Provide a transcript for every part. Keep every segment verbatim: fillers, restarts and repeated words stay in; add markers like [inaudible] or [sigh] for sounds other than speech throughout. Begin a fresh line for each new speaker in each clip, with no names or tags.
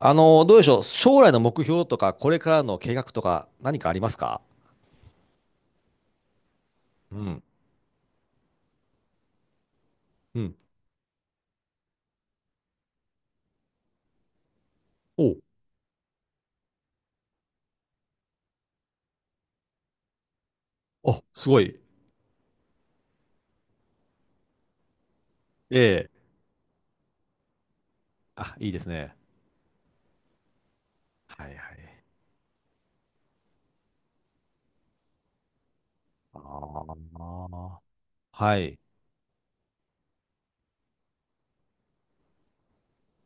あの、どうでしょう。将来の目標とか、これからの計画とか、何かありますか？うん。うん。おお、すごい。ええ。あ、いいですね。はいはい。ああ、はい。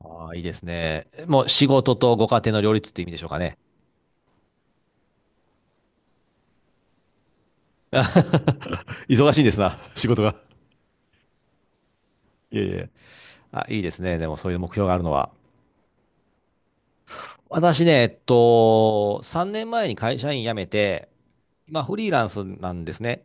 ああ、いいですね。もう仕事とご家庭の両立って意味でしょうかね。[laughs] 忙しいんですな、仕事が。いえいえ。あ、いいですね。でもそういう目標があるのは。私ね、えっと、さんねんまえに会社員辞めて、今フリーランスなんですね。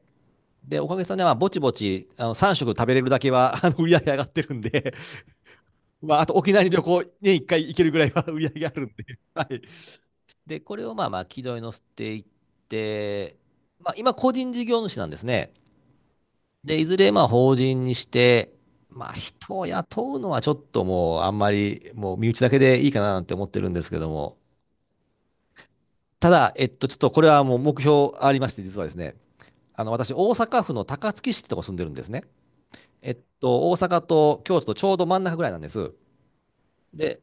で、おかげさまで、まあ、ぼちぼち、あの、さん食食べれるだけは、[laughs] あの、売り上げ上がってるんで、[laughs] まあ、あと沖縄に旅行、年いっかい行けるぐらいは [laughs] 売り上げあるんで、[laughs] はい。で、これをまあまあ、軌道に乗せていって、まあ、今、個人事業主なんですね。で、いずれ、まあ、法人にして、まあ、人を雇うのはちょっともう、あんまり、もう、身内だけでいいかななんて思ってるんですけども、ただ、えっと、ちょっとこれはもう目標ありまして、実はですね、あの、私、大阪府の高槻市ってとこ住んでるんですね。えっと、大阪と京都とちょうど真ん中ぐらいなんです。で、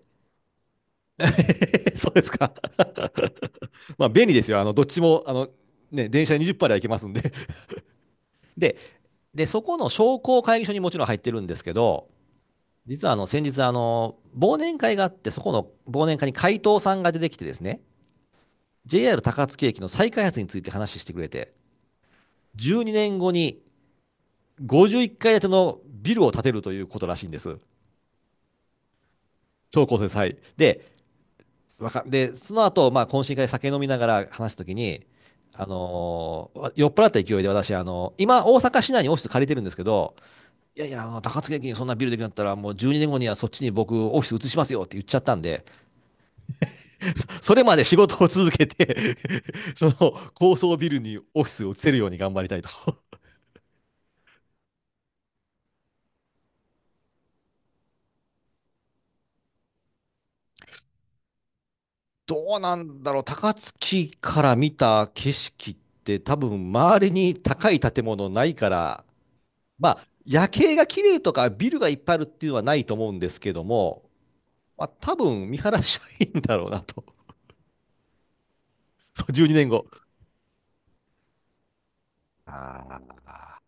[laughs] そうですか。[laughs] まあ、便利ですよ。あの、どっちも、あの、ね、電車でにじゅっぷんでは行けますんで。[laughs] で、で、そこの商工会議所にもちろん入ってるんですけど、実はあの、先日、あの、忘年会があって、そこの忘年会に会頭さんが出てきてですね、ジェイアール 高槻駅の再開発について話してくれて、じゅうにねんごにごじゅういっかい建てのビルを建てるということらしいんです。超高層債。で、わかで、その後、まあ、懇親会で酒飲みながら話すときに、あのー酔っ払った勢いで私、あのー今、大阪市内にオフィス借りてるんですけど、いやいや、あの高槻駅にそんなビルできなかったら、もうじゅうにねんごにねんごにはそっちに僕、オフィス移しますよって言っちゃったんで、そそれまで仕事を続けて [laughs] その高層ビルにオフィスを移せるように頑張りたいと。[laughs] どうなんだろう、高槻から見た景色って、多分周りに高い建物ないから、まあ、夜景が綺麗とかビルがいっぱいあるっていうのはないと思うんですけども、まあ、多分見晴らしはいいんだろうなと。[laughs] そう、じゅうにねんご。ああ、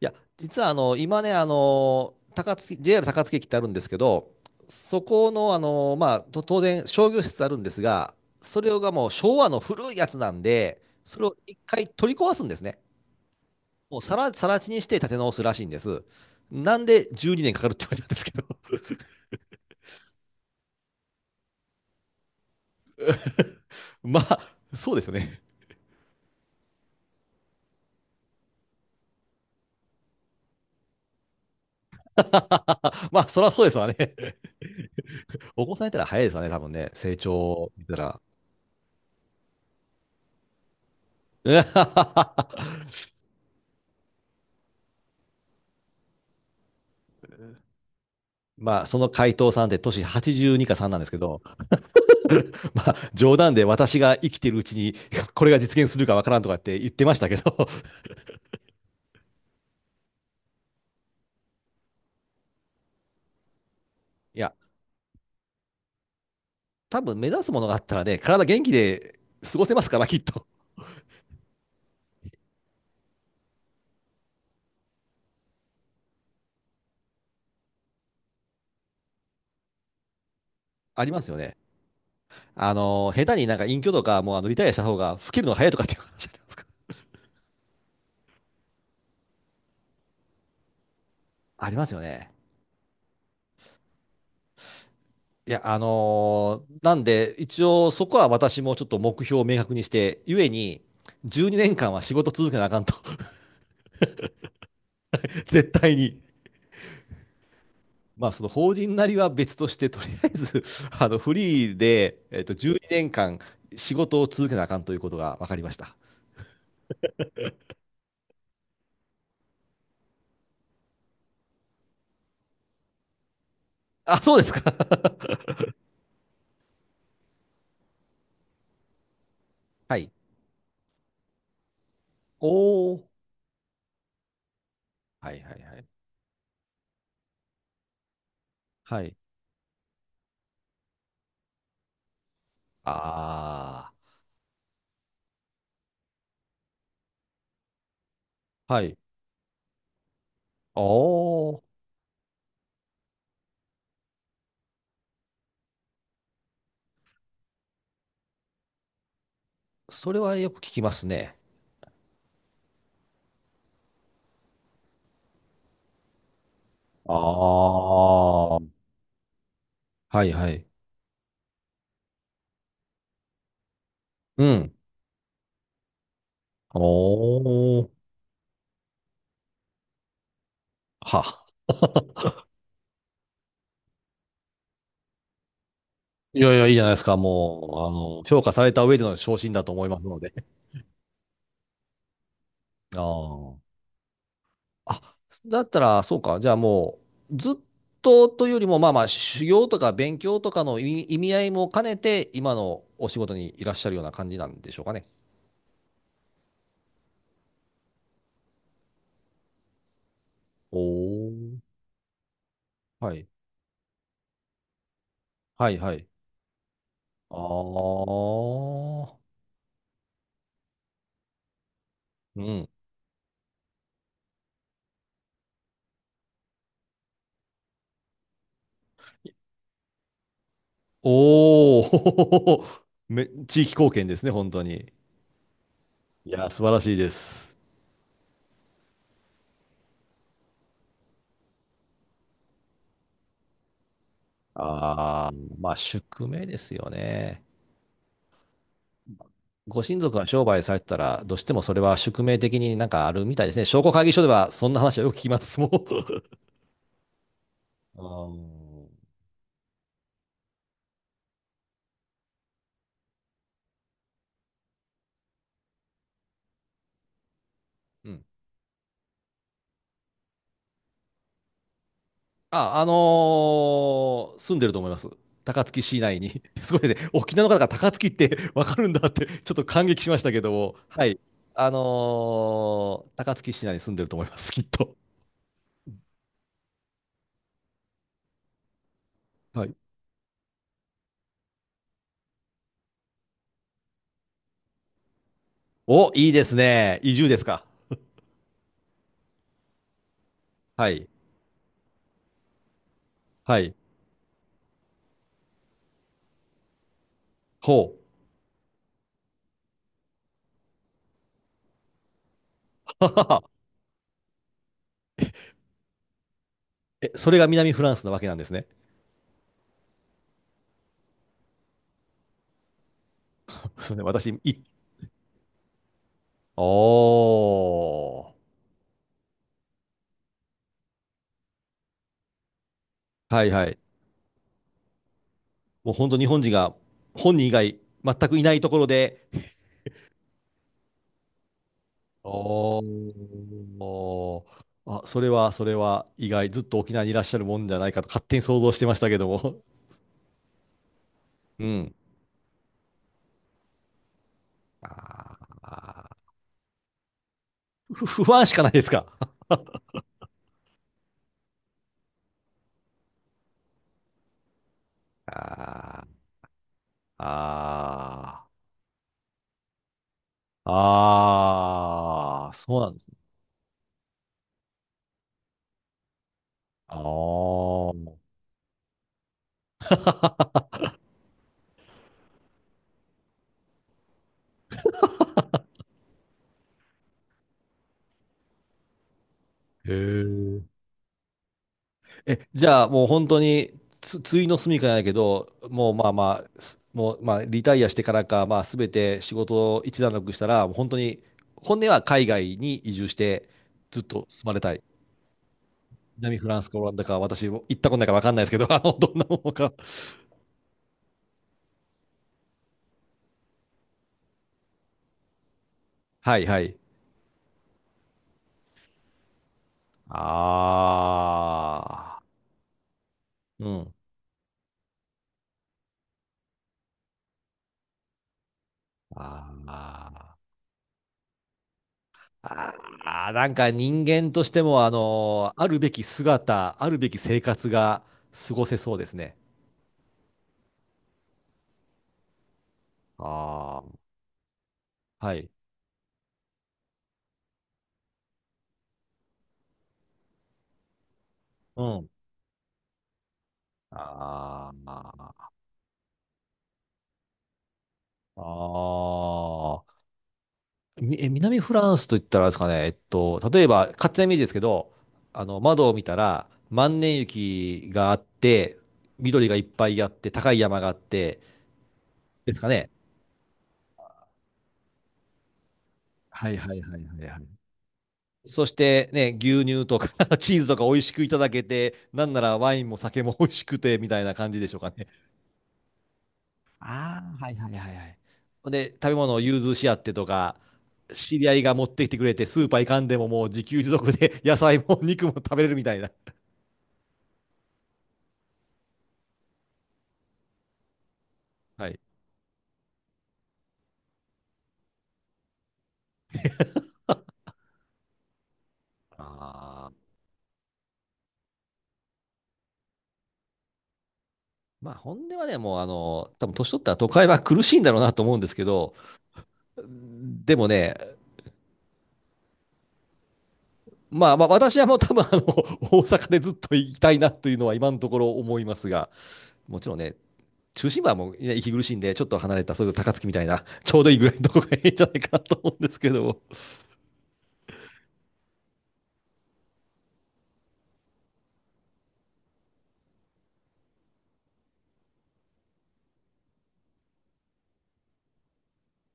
いや、実はあの、今ね、あの、高槻、ジェイアール 高槻駅ってあるんですけど、そこの、あの、まあ、と当然商業施設あるんですが、それがもう昭和の古いやつなんで、それを一回取り壊すんですね。もうさら、さら地にして建て直すらしいんです。なんでじゅうにねんかかるって言われたんですけど。[laughs] まあ、そうですよね。[laughs] まあ、そりゃそうですわね。[laughs] お子さんいたら早いですわね、多分ね。成長見たら。[laughs] まあ、その回答さんって年はちじゅうにかさんなんですけど、[laughs] まあ、冗談で私が生きてるうちに、[laughs] これが実現するかわからんとかって言ってましたけど、[laughs] いや、多分目指すものがあったらね、体元気で過ごせますから、きっと。[laughs] ありますよね。あの、下手になんか隠居とか、もうあのリタイアした方が老けるのが早いとかっていう話じゃないですか。[laughs] ありますよね。いや、あのーなんで、一応そこは私もちょっと目標を明確にして、ゆえに、じゅうにねんかんは仕事続けなあかんと、[laughs] 絶対に。まあ、その法人なりは別として、とりあえず、[laughs] あの、フリーで、えっと、じゅうにねんかん仕事を続けなあかんということが分かりました。あ、そうですか。[laughs] はい。おー。はいはいはい。はい。ああ。はい。おー。それはよく聞きますね。ああ。はいはい。うん。おー。は。[laughs] いやいや、いいじゃないですか。もう、あの、評価された上での昇進だと思いますので。[laughs] ああ。あ、だったら、そうか。じゃあもう、ずっとというよりも、まあまあ、修行とか勉強とかの意味意味合いも兼ねて、今のお仕事にいらっしゃるような感じなんでしょうかね。おー。はい。はいはい。ああ。うん。おお。[laughs] め、地域貢献ですね、本当に。いや、素晴らしいです。ああ、まあ宿命ですよね。ご親族が商売されてたら、どうしてもそれは宿命的になんかあるみたいですね。商工会議所ではそんな話はよく聞きます、もう。[laughs] あーうんあ、あのー住んでると思います。高槻市内に。[laughs] すごいですね。沖縄の方が高槻ってわかるんだって、ちょっと感激しましたけども。はい。あのー高槻市内に住んでると思います、きっと。はい。お、いいですね。移住ですか。はい。はい。ほう。[laughs] え、それが南フランスなわけなんですね。[laughs] そうね、私、い、おー。はいはい。もう本当日本人が本人以外全くいないところで、おー。あ、それは、それは意外、ずっと沖縄にいらっしゃるもんじゃないかと勝手に想像してましたけども。うん。あーふ不安しかないですか。あーあー。ああ、そうなんですね。ああ。[laughs] へえ。え、じゃあもう本当につ、ついの住みかじゃないけど、もうまあまあ、すもうまあリタイアしてからか、まあ全て仕事を一段落したら、もう本当に、本音は海外に移住して、ずっと住まれたい。南フランスかオランダか、私も行ったことないから分かんないですけど、[laughs] あの、どんなものか。はいはい。ああ。うん。あーあー。なんか人間としても、あの、あるべき姿、あるべき生活が過ごせそうですね。ああ、はい。うん。ああ、ああ、みえ、南フランスといったらあれですかね、えっと、例えば、勝手なイメージですけど、あの、窓を見たら、万年雪があって、緑がいっぱいあって、高い山があって、ですかね。はいはいはいはいはい。そしてね、牛乳とか [laughs] チーズとか美味しくいただけて、なんならワインも酒も美味しくて、みたいな感じでしょうかね。ああ、はいはいはいはい。ほんで、食べ物を融通し合ってとか、知り合いが持ってきてくれて、スーパー行かんでももう自給自足で [laughs] 野菜も肉も食べれるみたいな。はい。ああ。まあ、本音はね、もう、あの、多分年取ったら都会は苦しいんだろうなと思うんですけど、でもね、まあまあ、私はもう多分、あの、大阪でずっと行きたいなというのは今のところ思いますが、もちろんね、中心部はもう、ね、息苦しいんで、ちょっと離れた、それこそ高槻みたいな、ちょうどいいぐらいのとこがいいんじゃないかなと思うんですけども。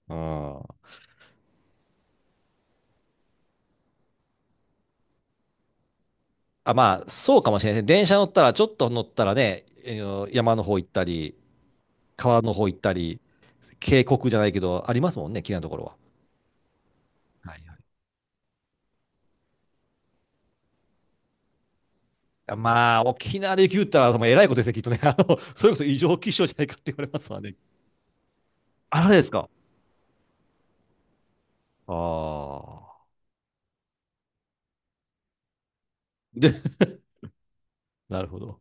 うんあ、まあ、そうかもしれないですね。電車乗ったら、ちょっと乗ったらね、えー山の方行ったり、川の方行ったり、渓谷じゃないけど、ありますもんね、綺麗なところは。はいはい。あまあ、沖縄で雪降ったら、もうえらいことですね、きっとね。[laughs] あの、それこそ異常気象じゃないかって言われますわね。あれですか？ああ。で、[laughs] なるほど。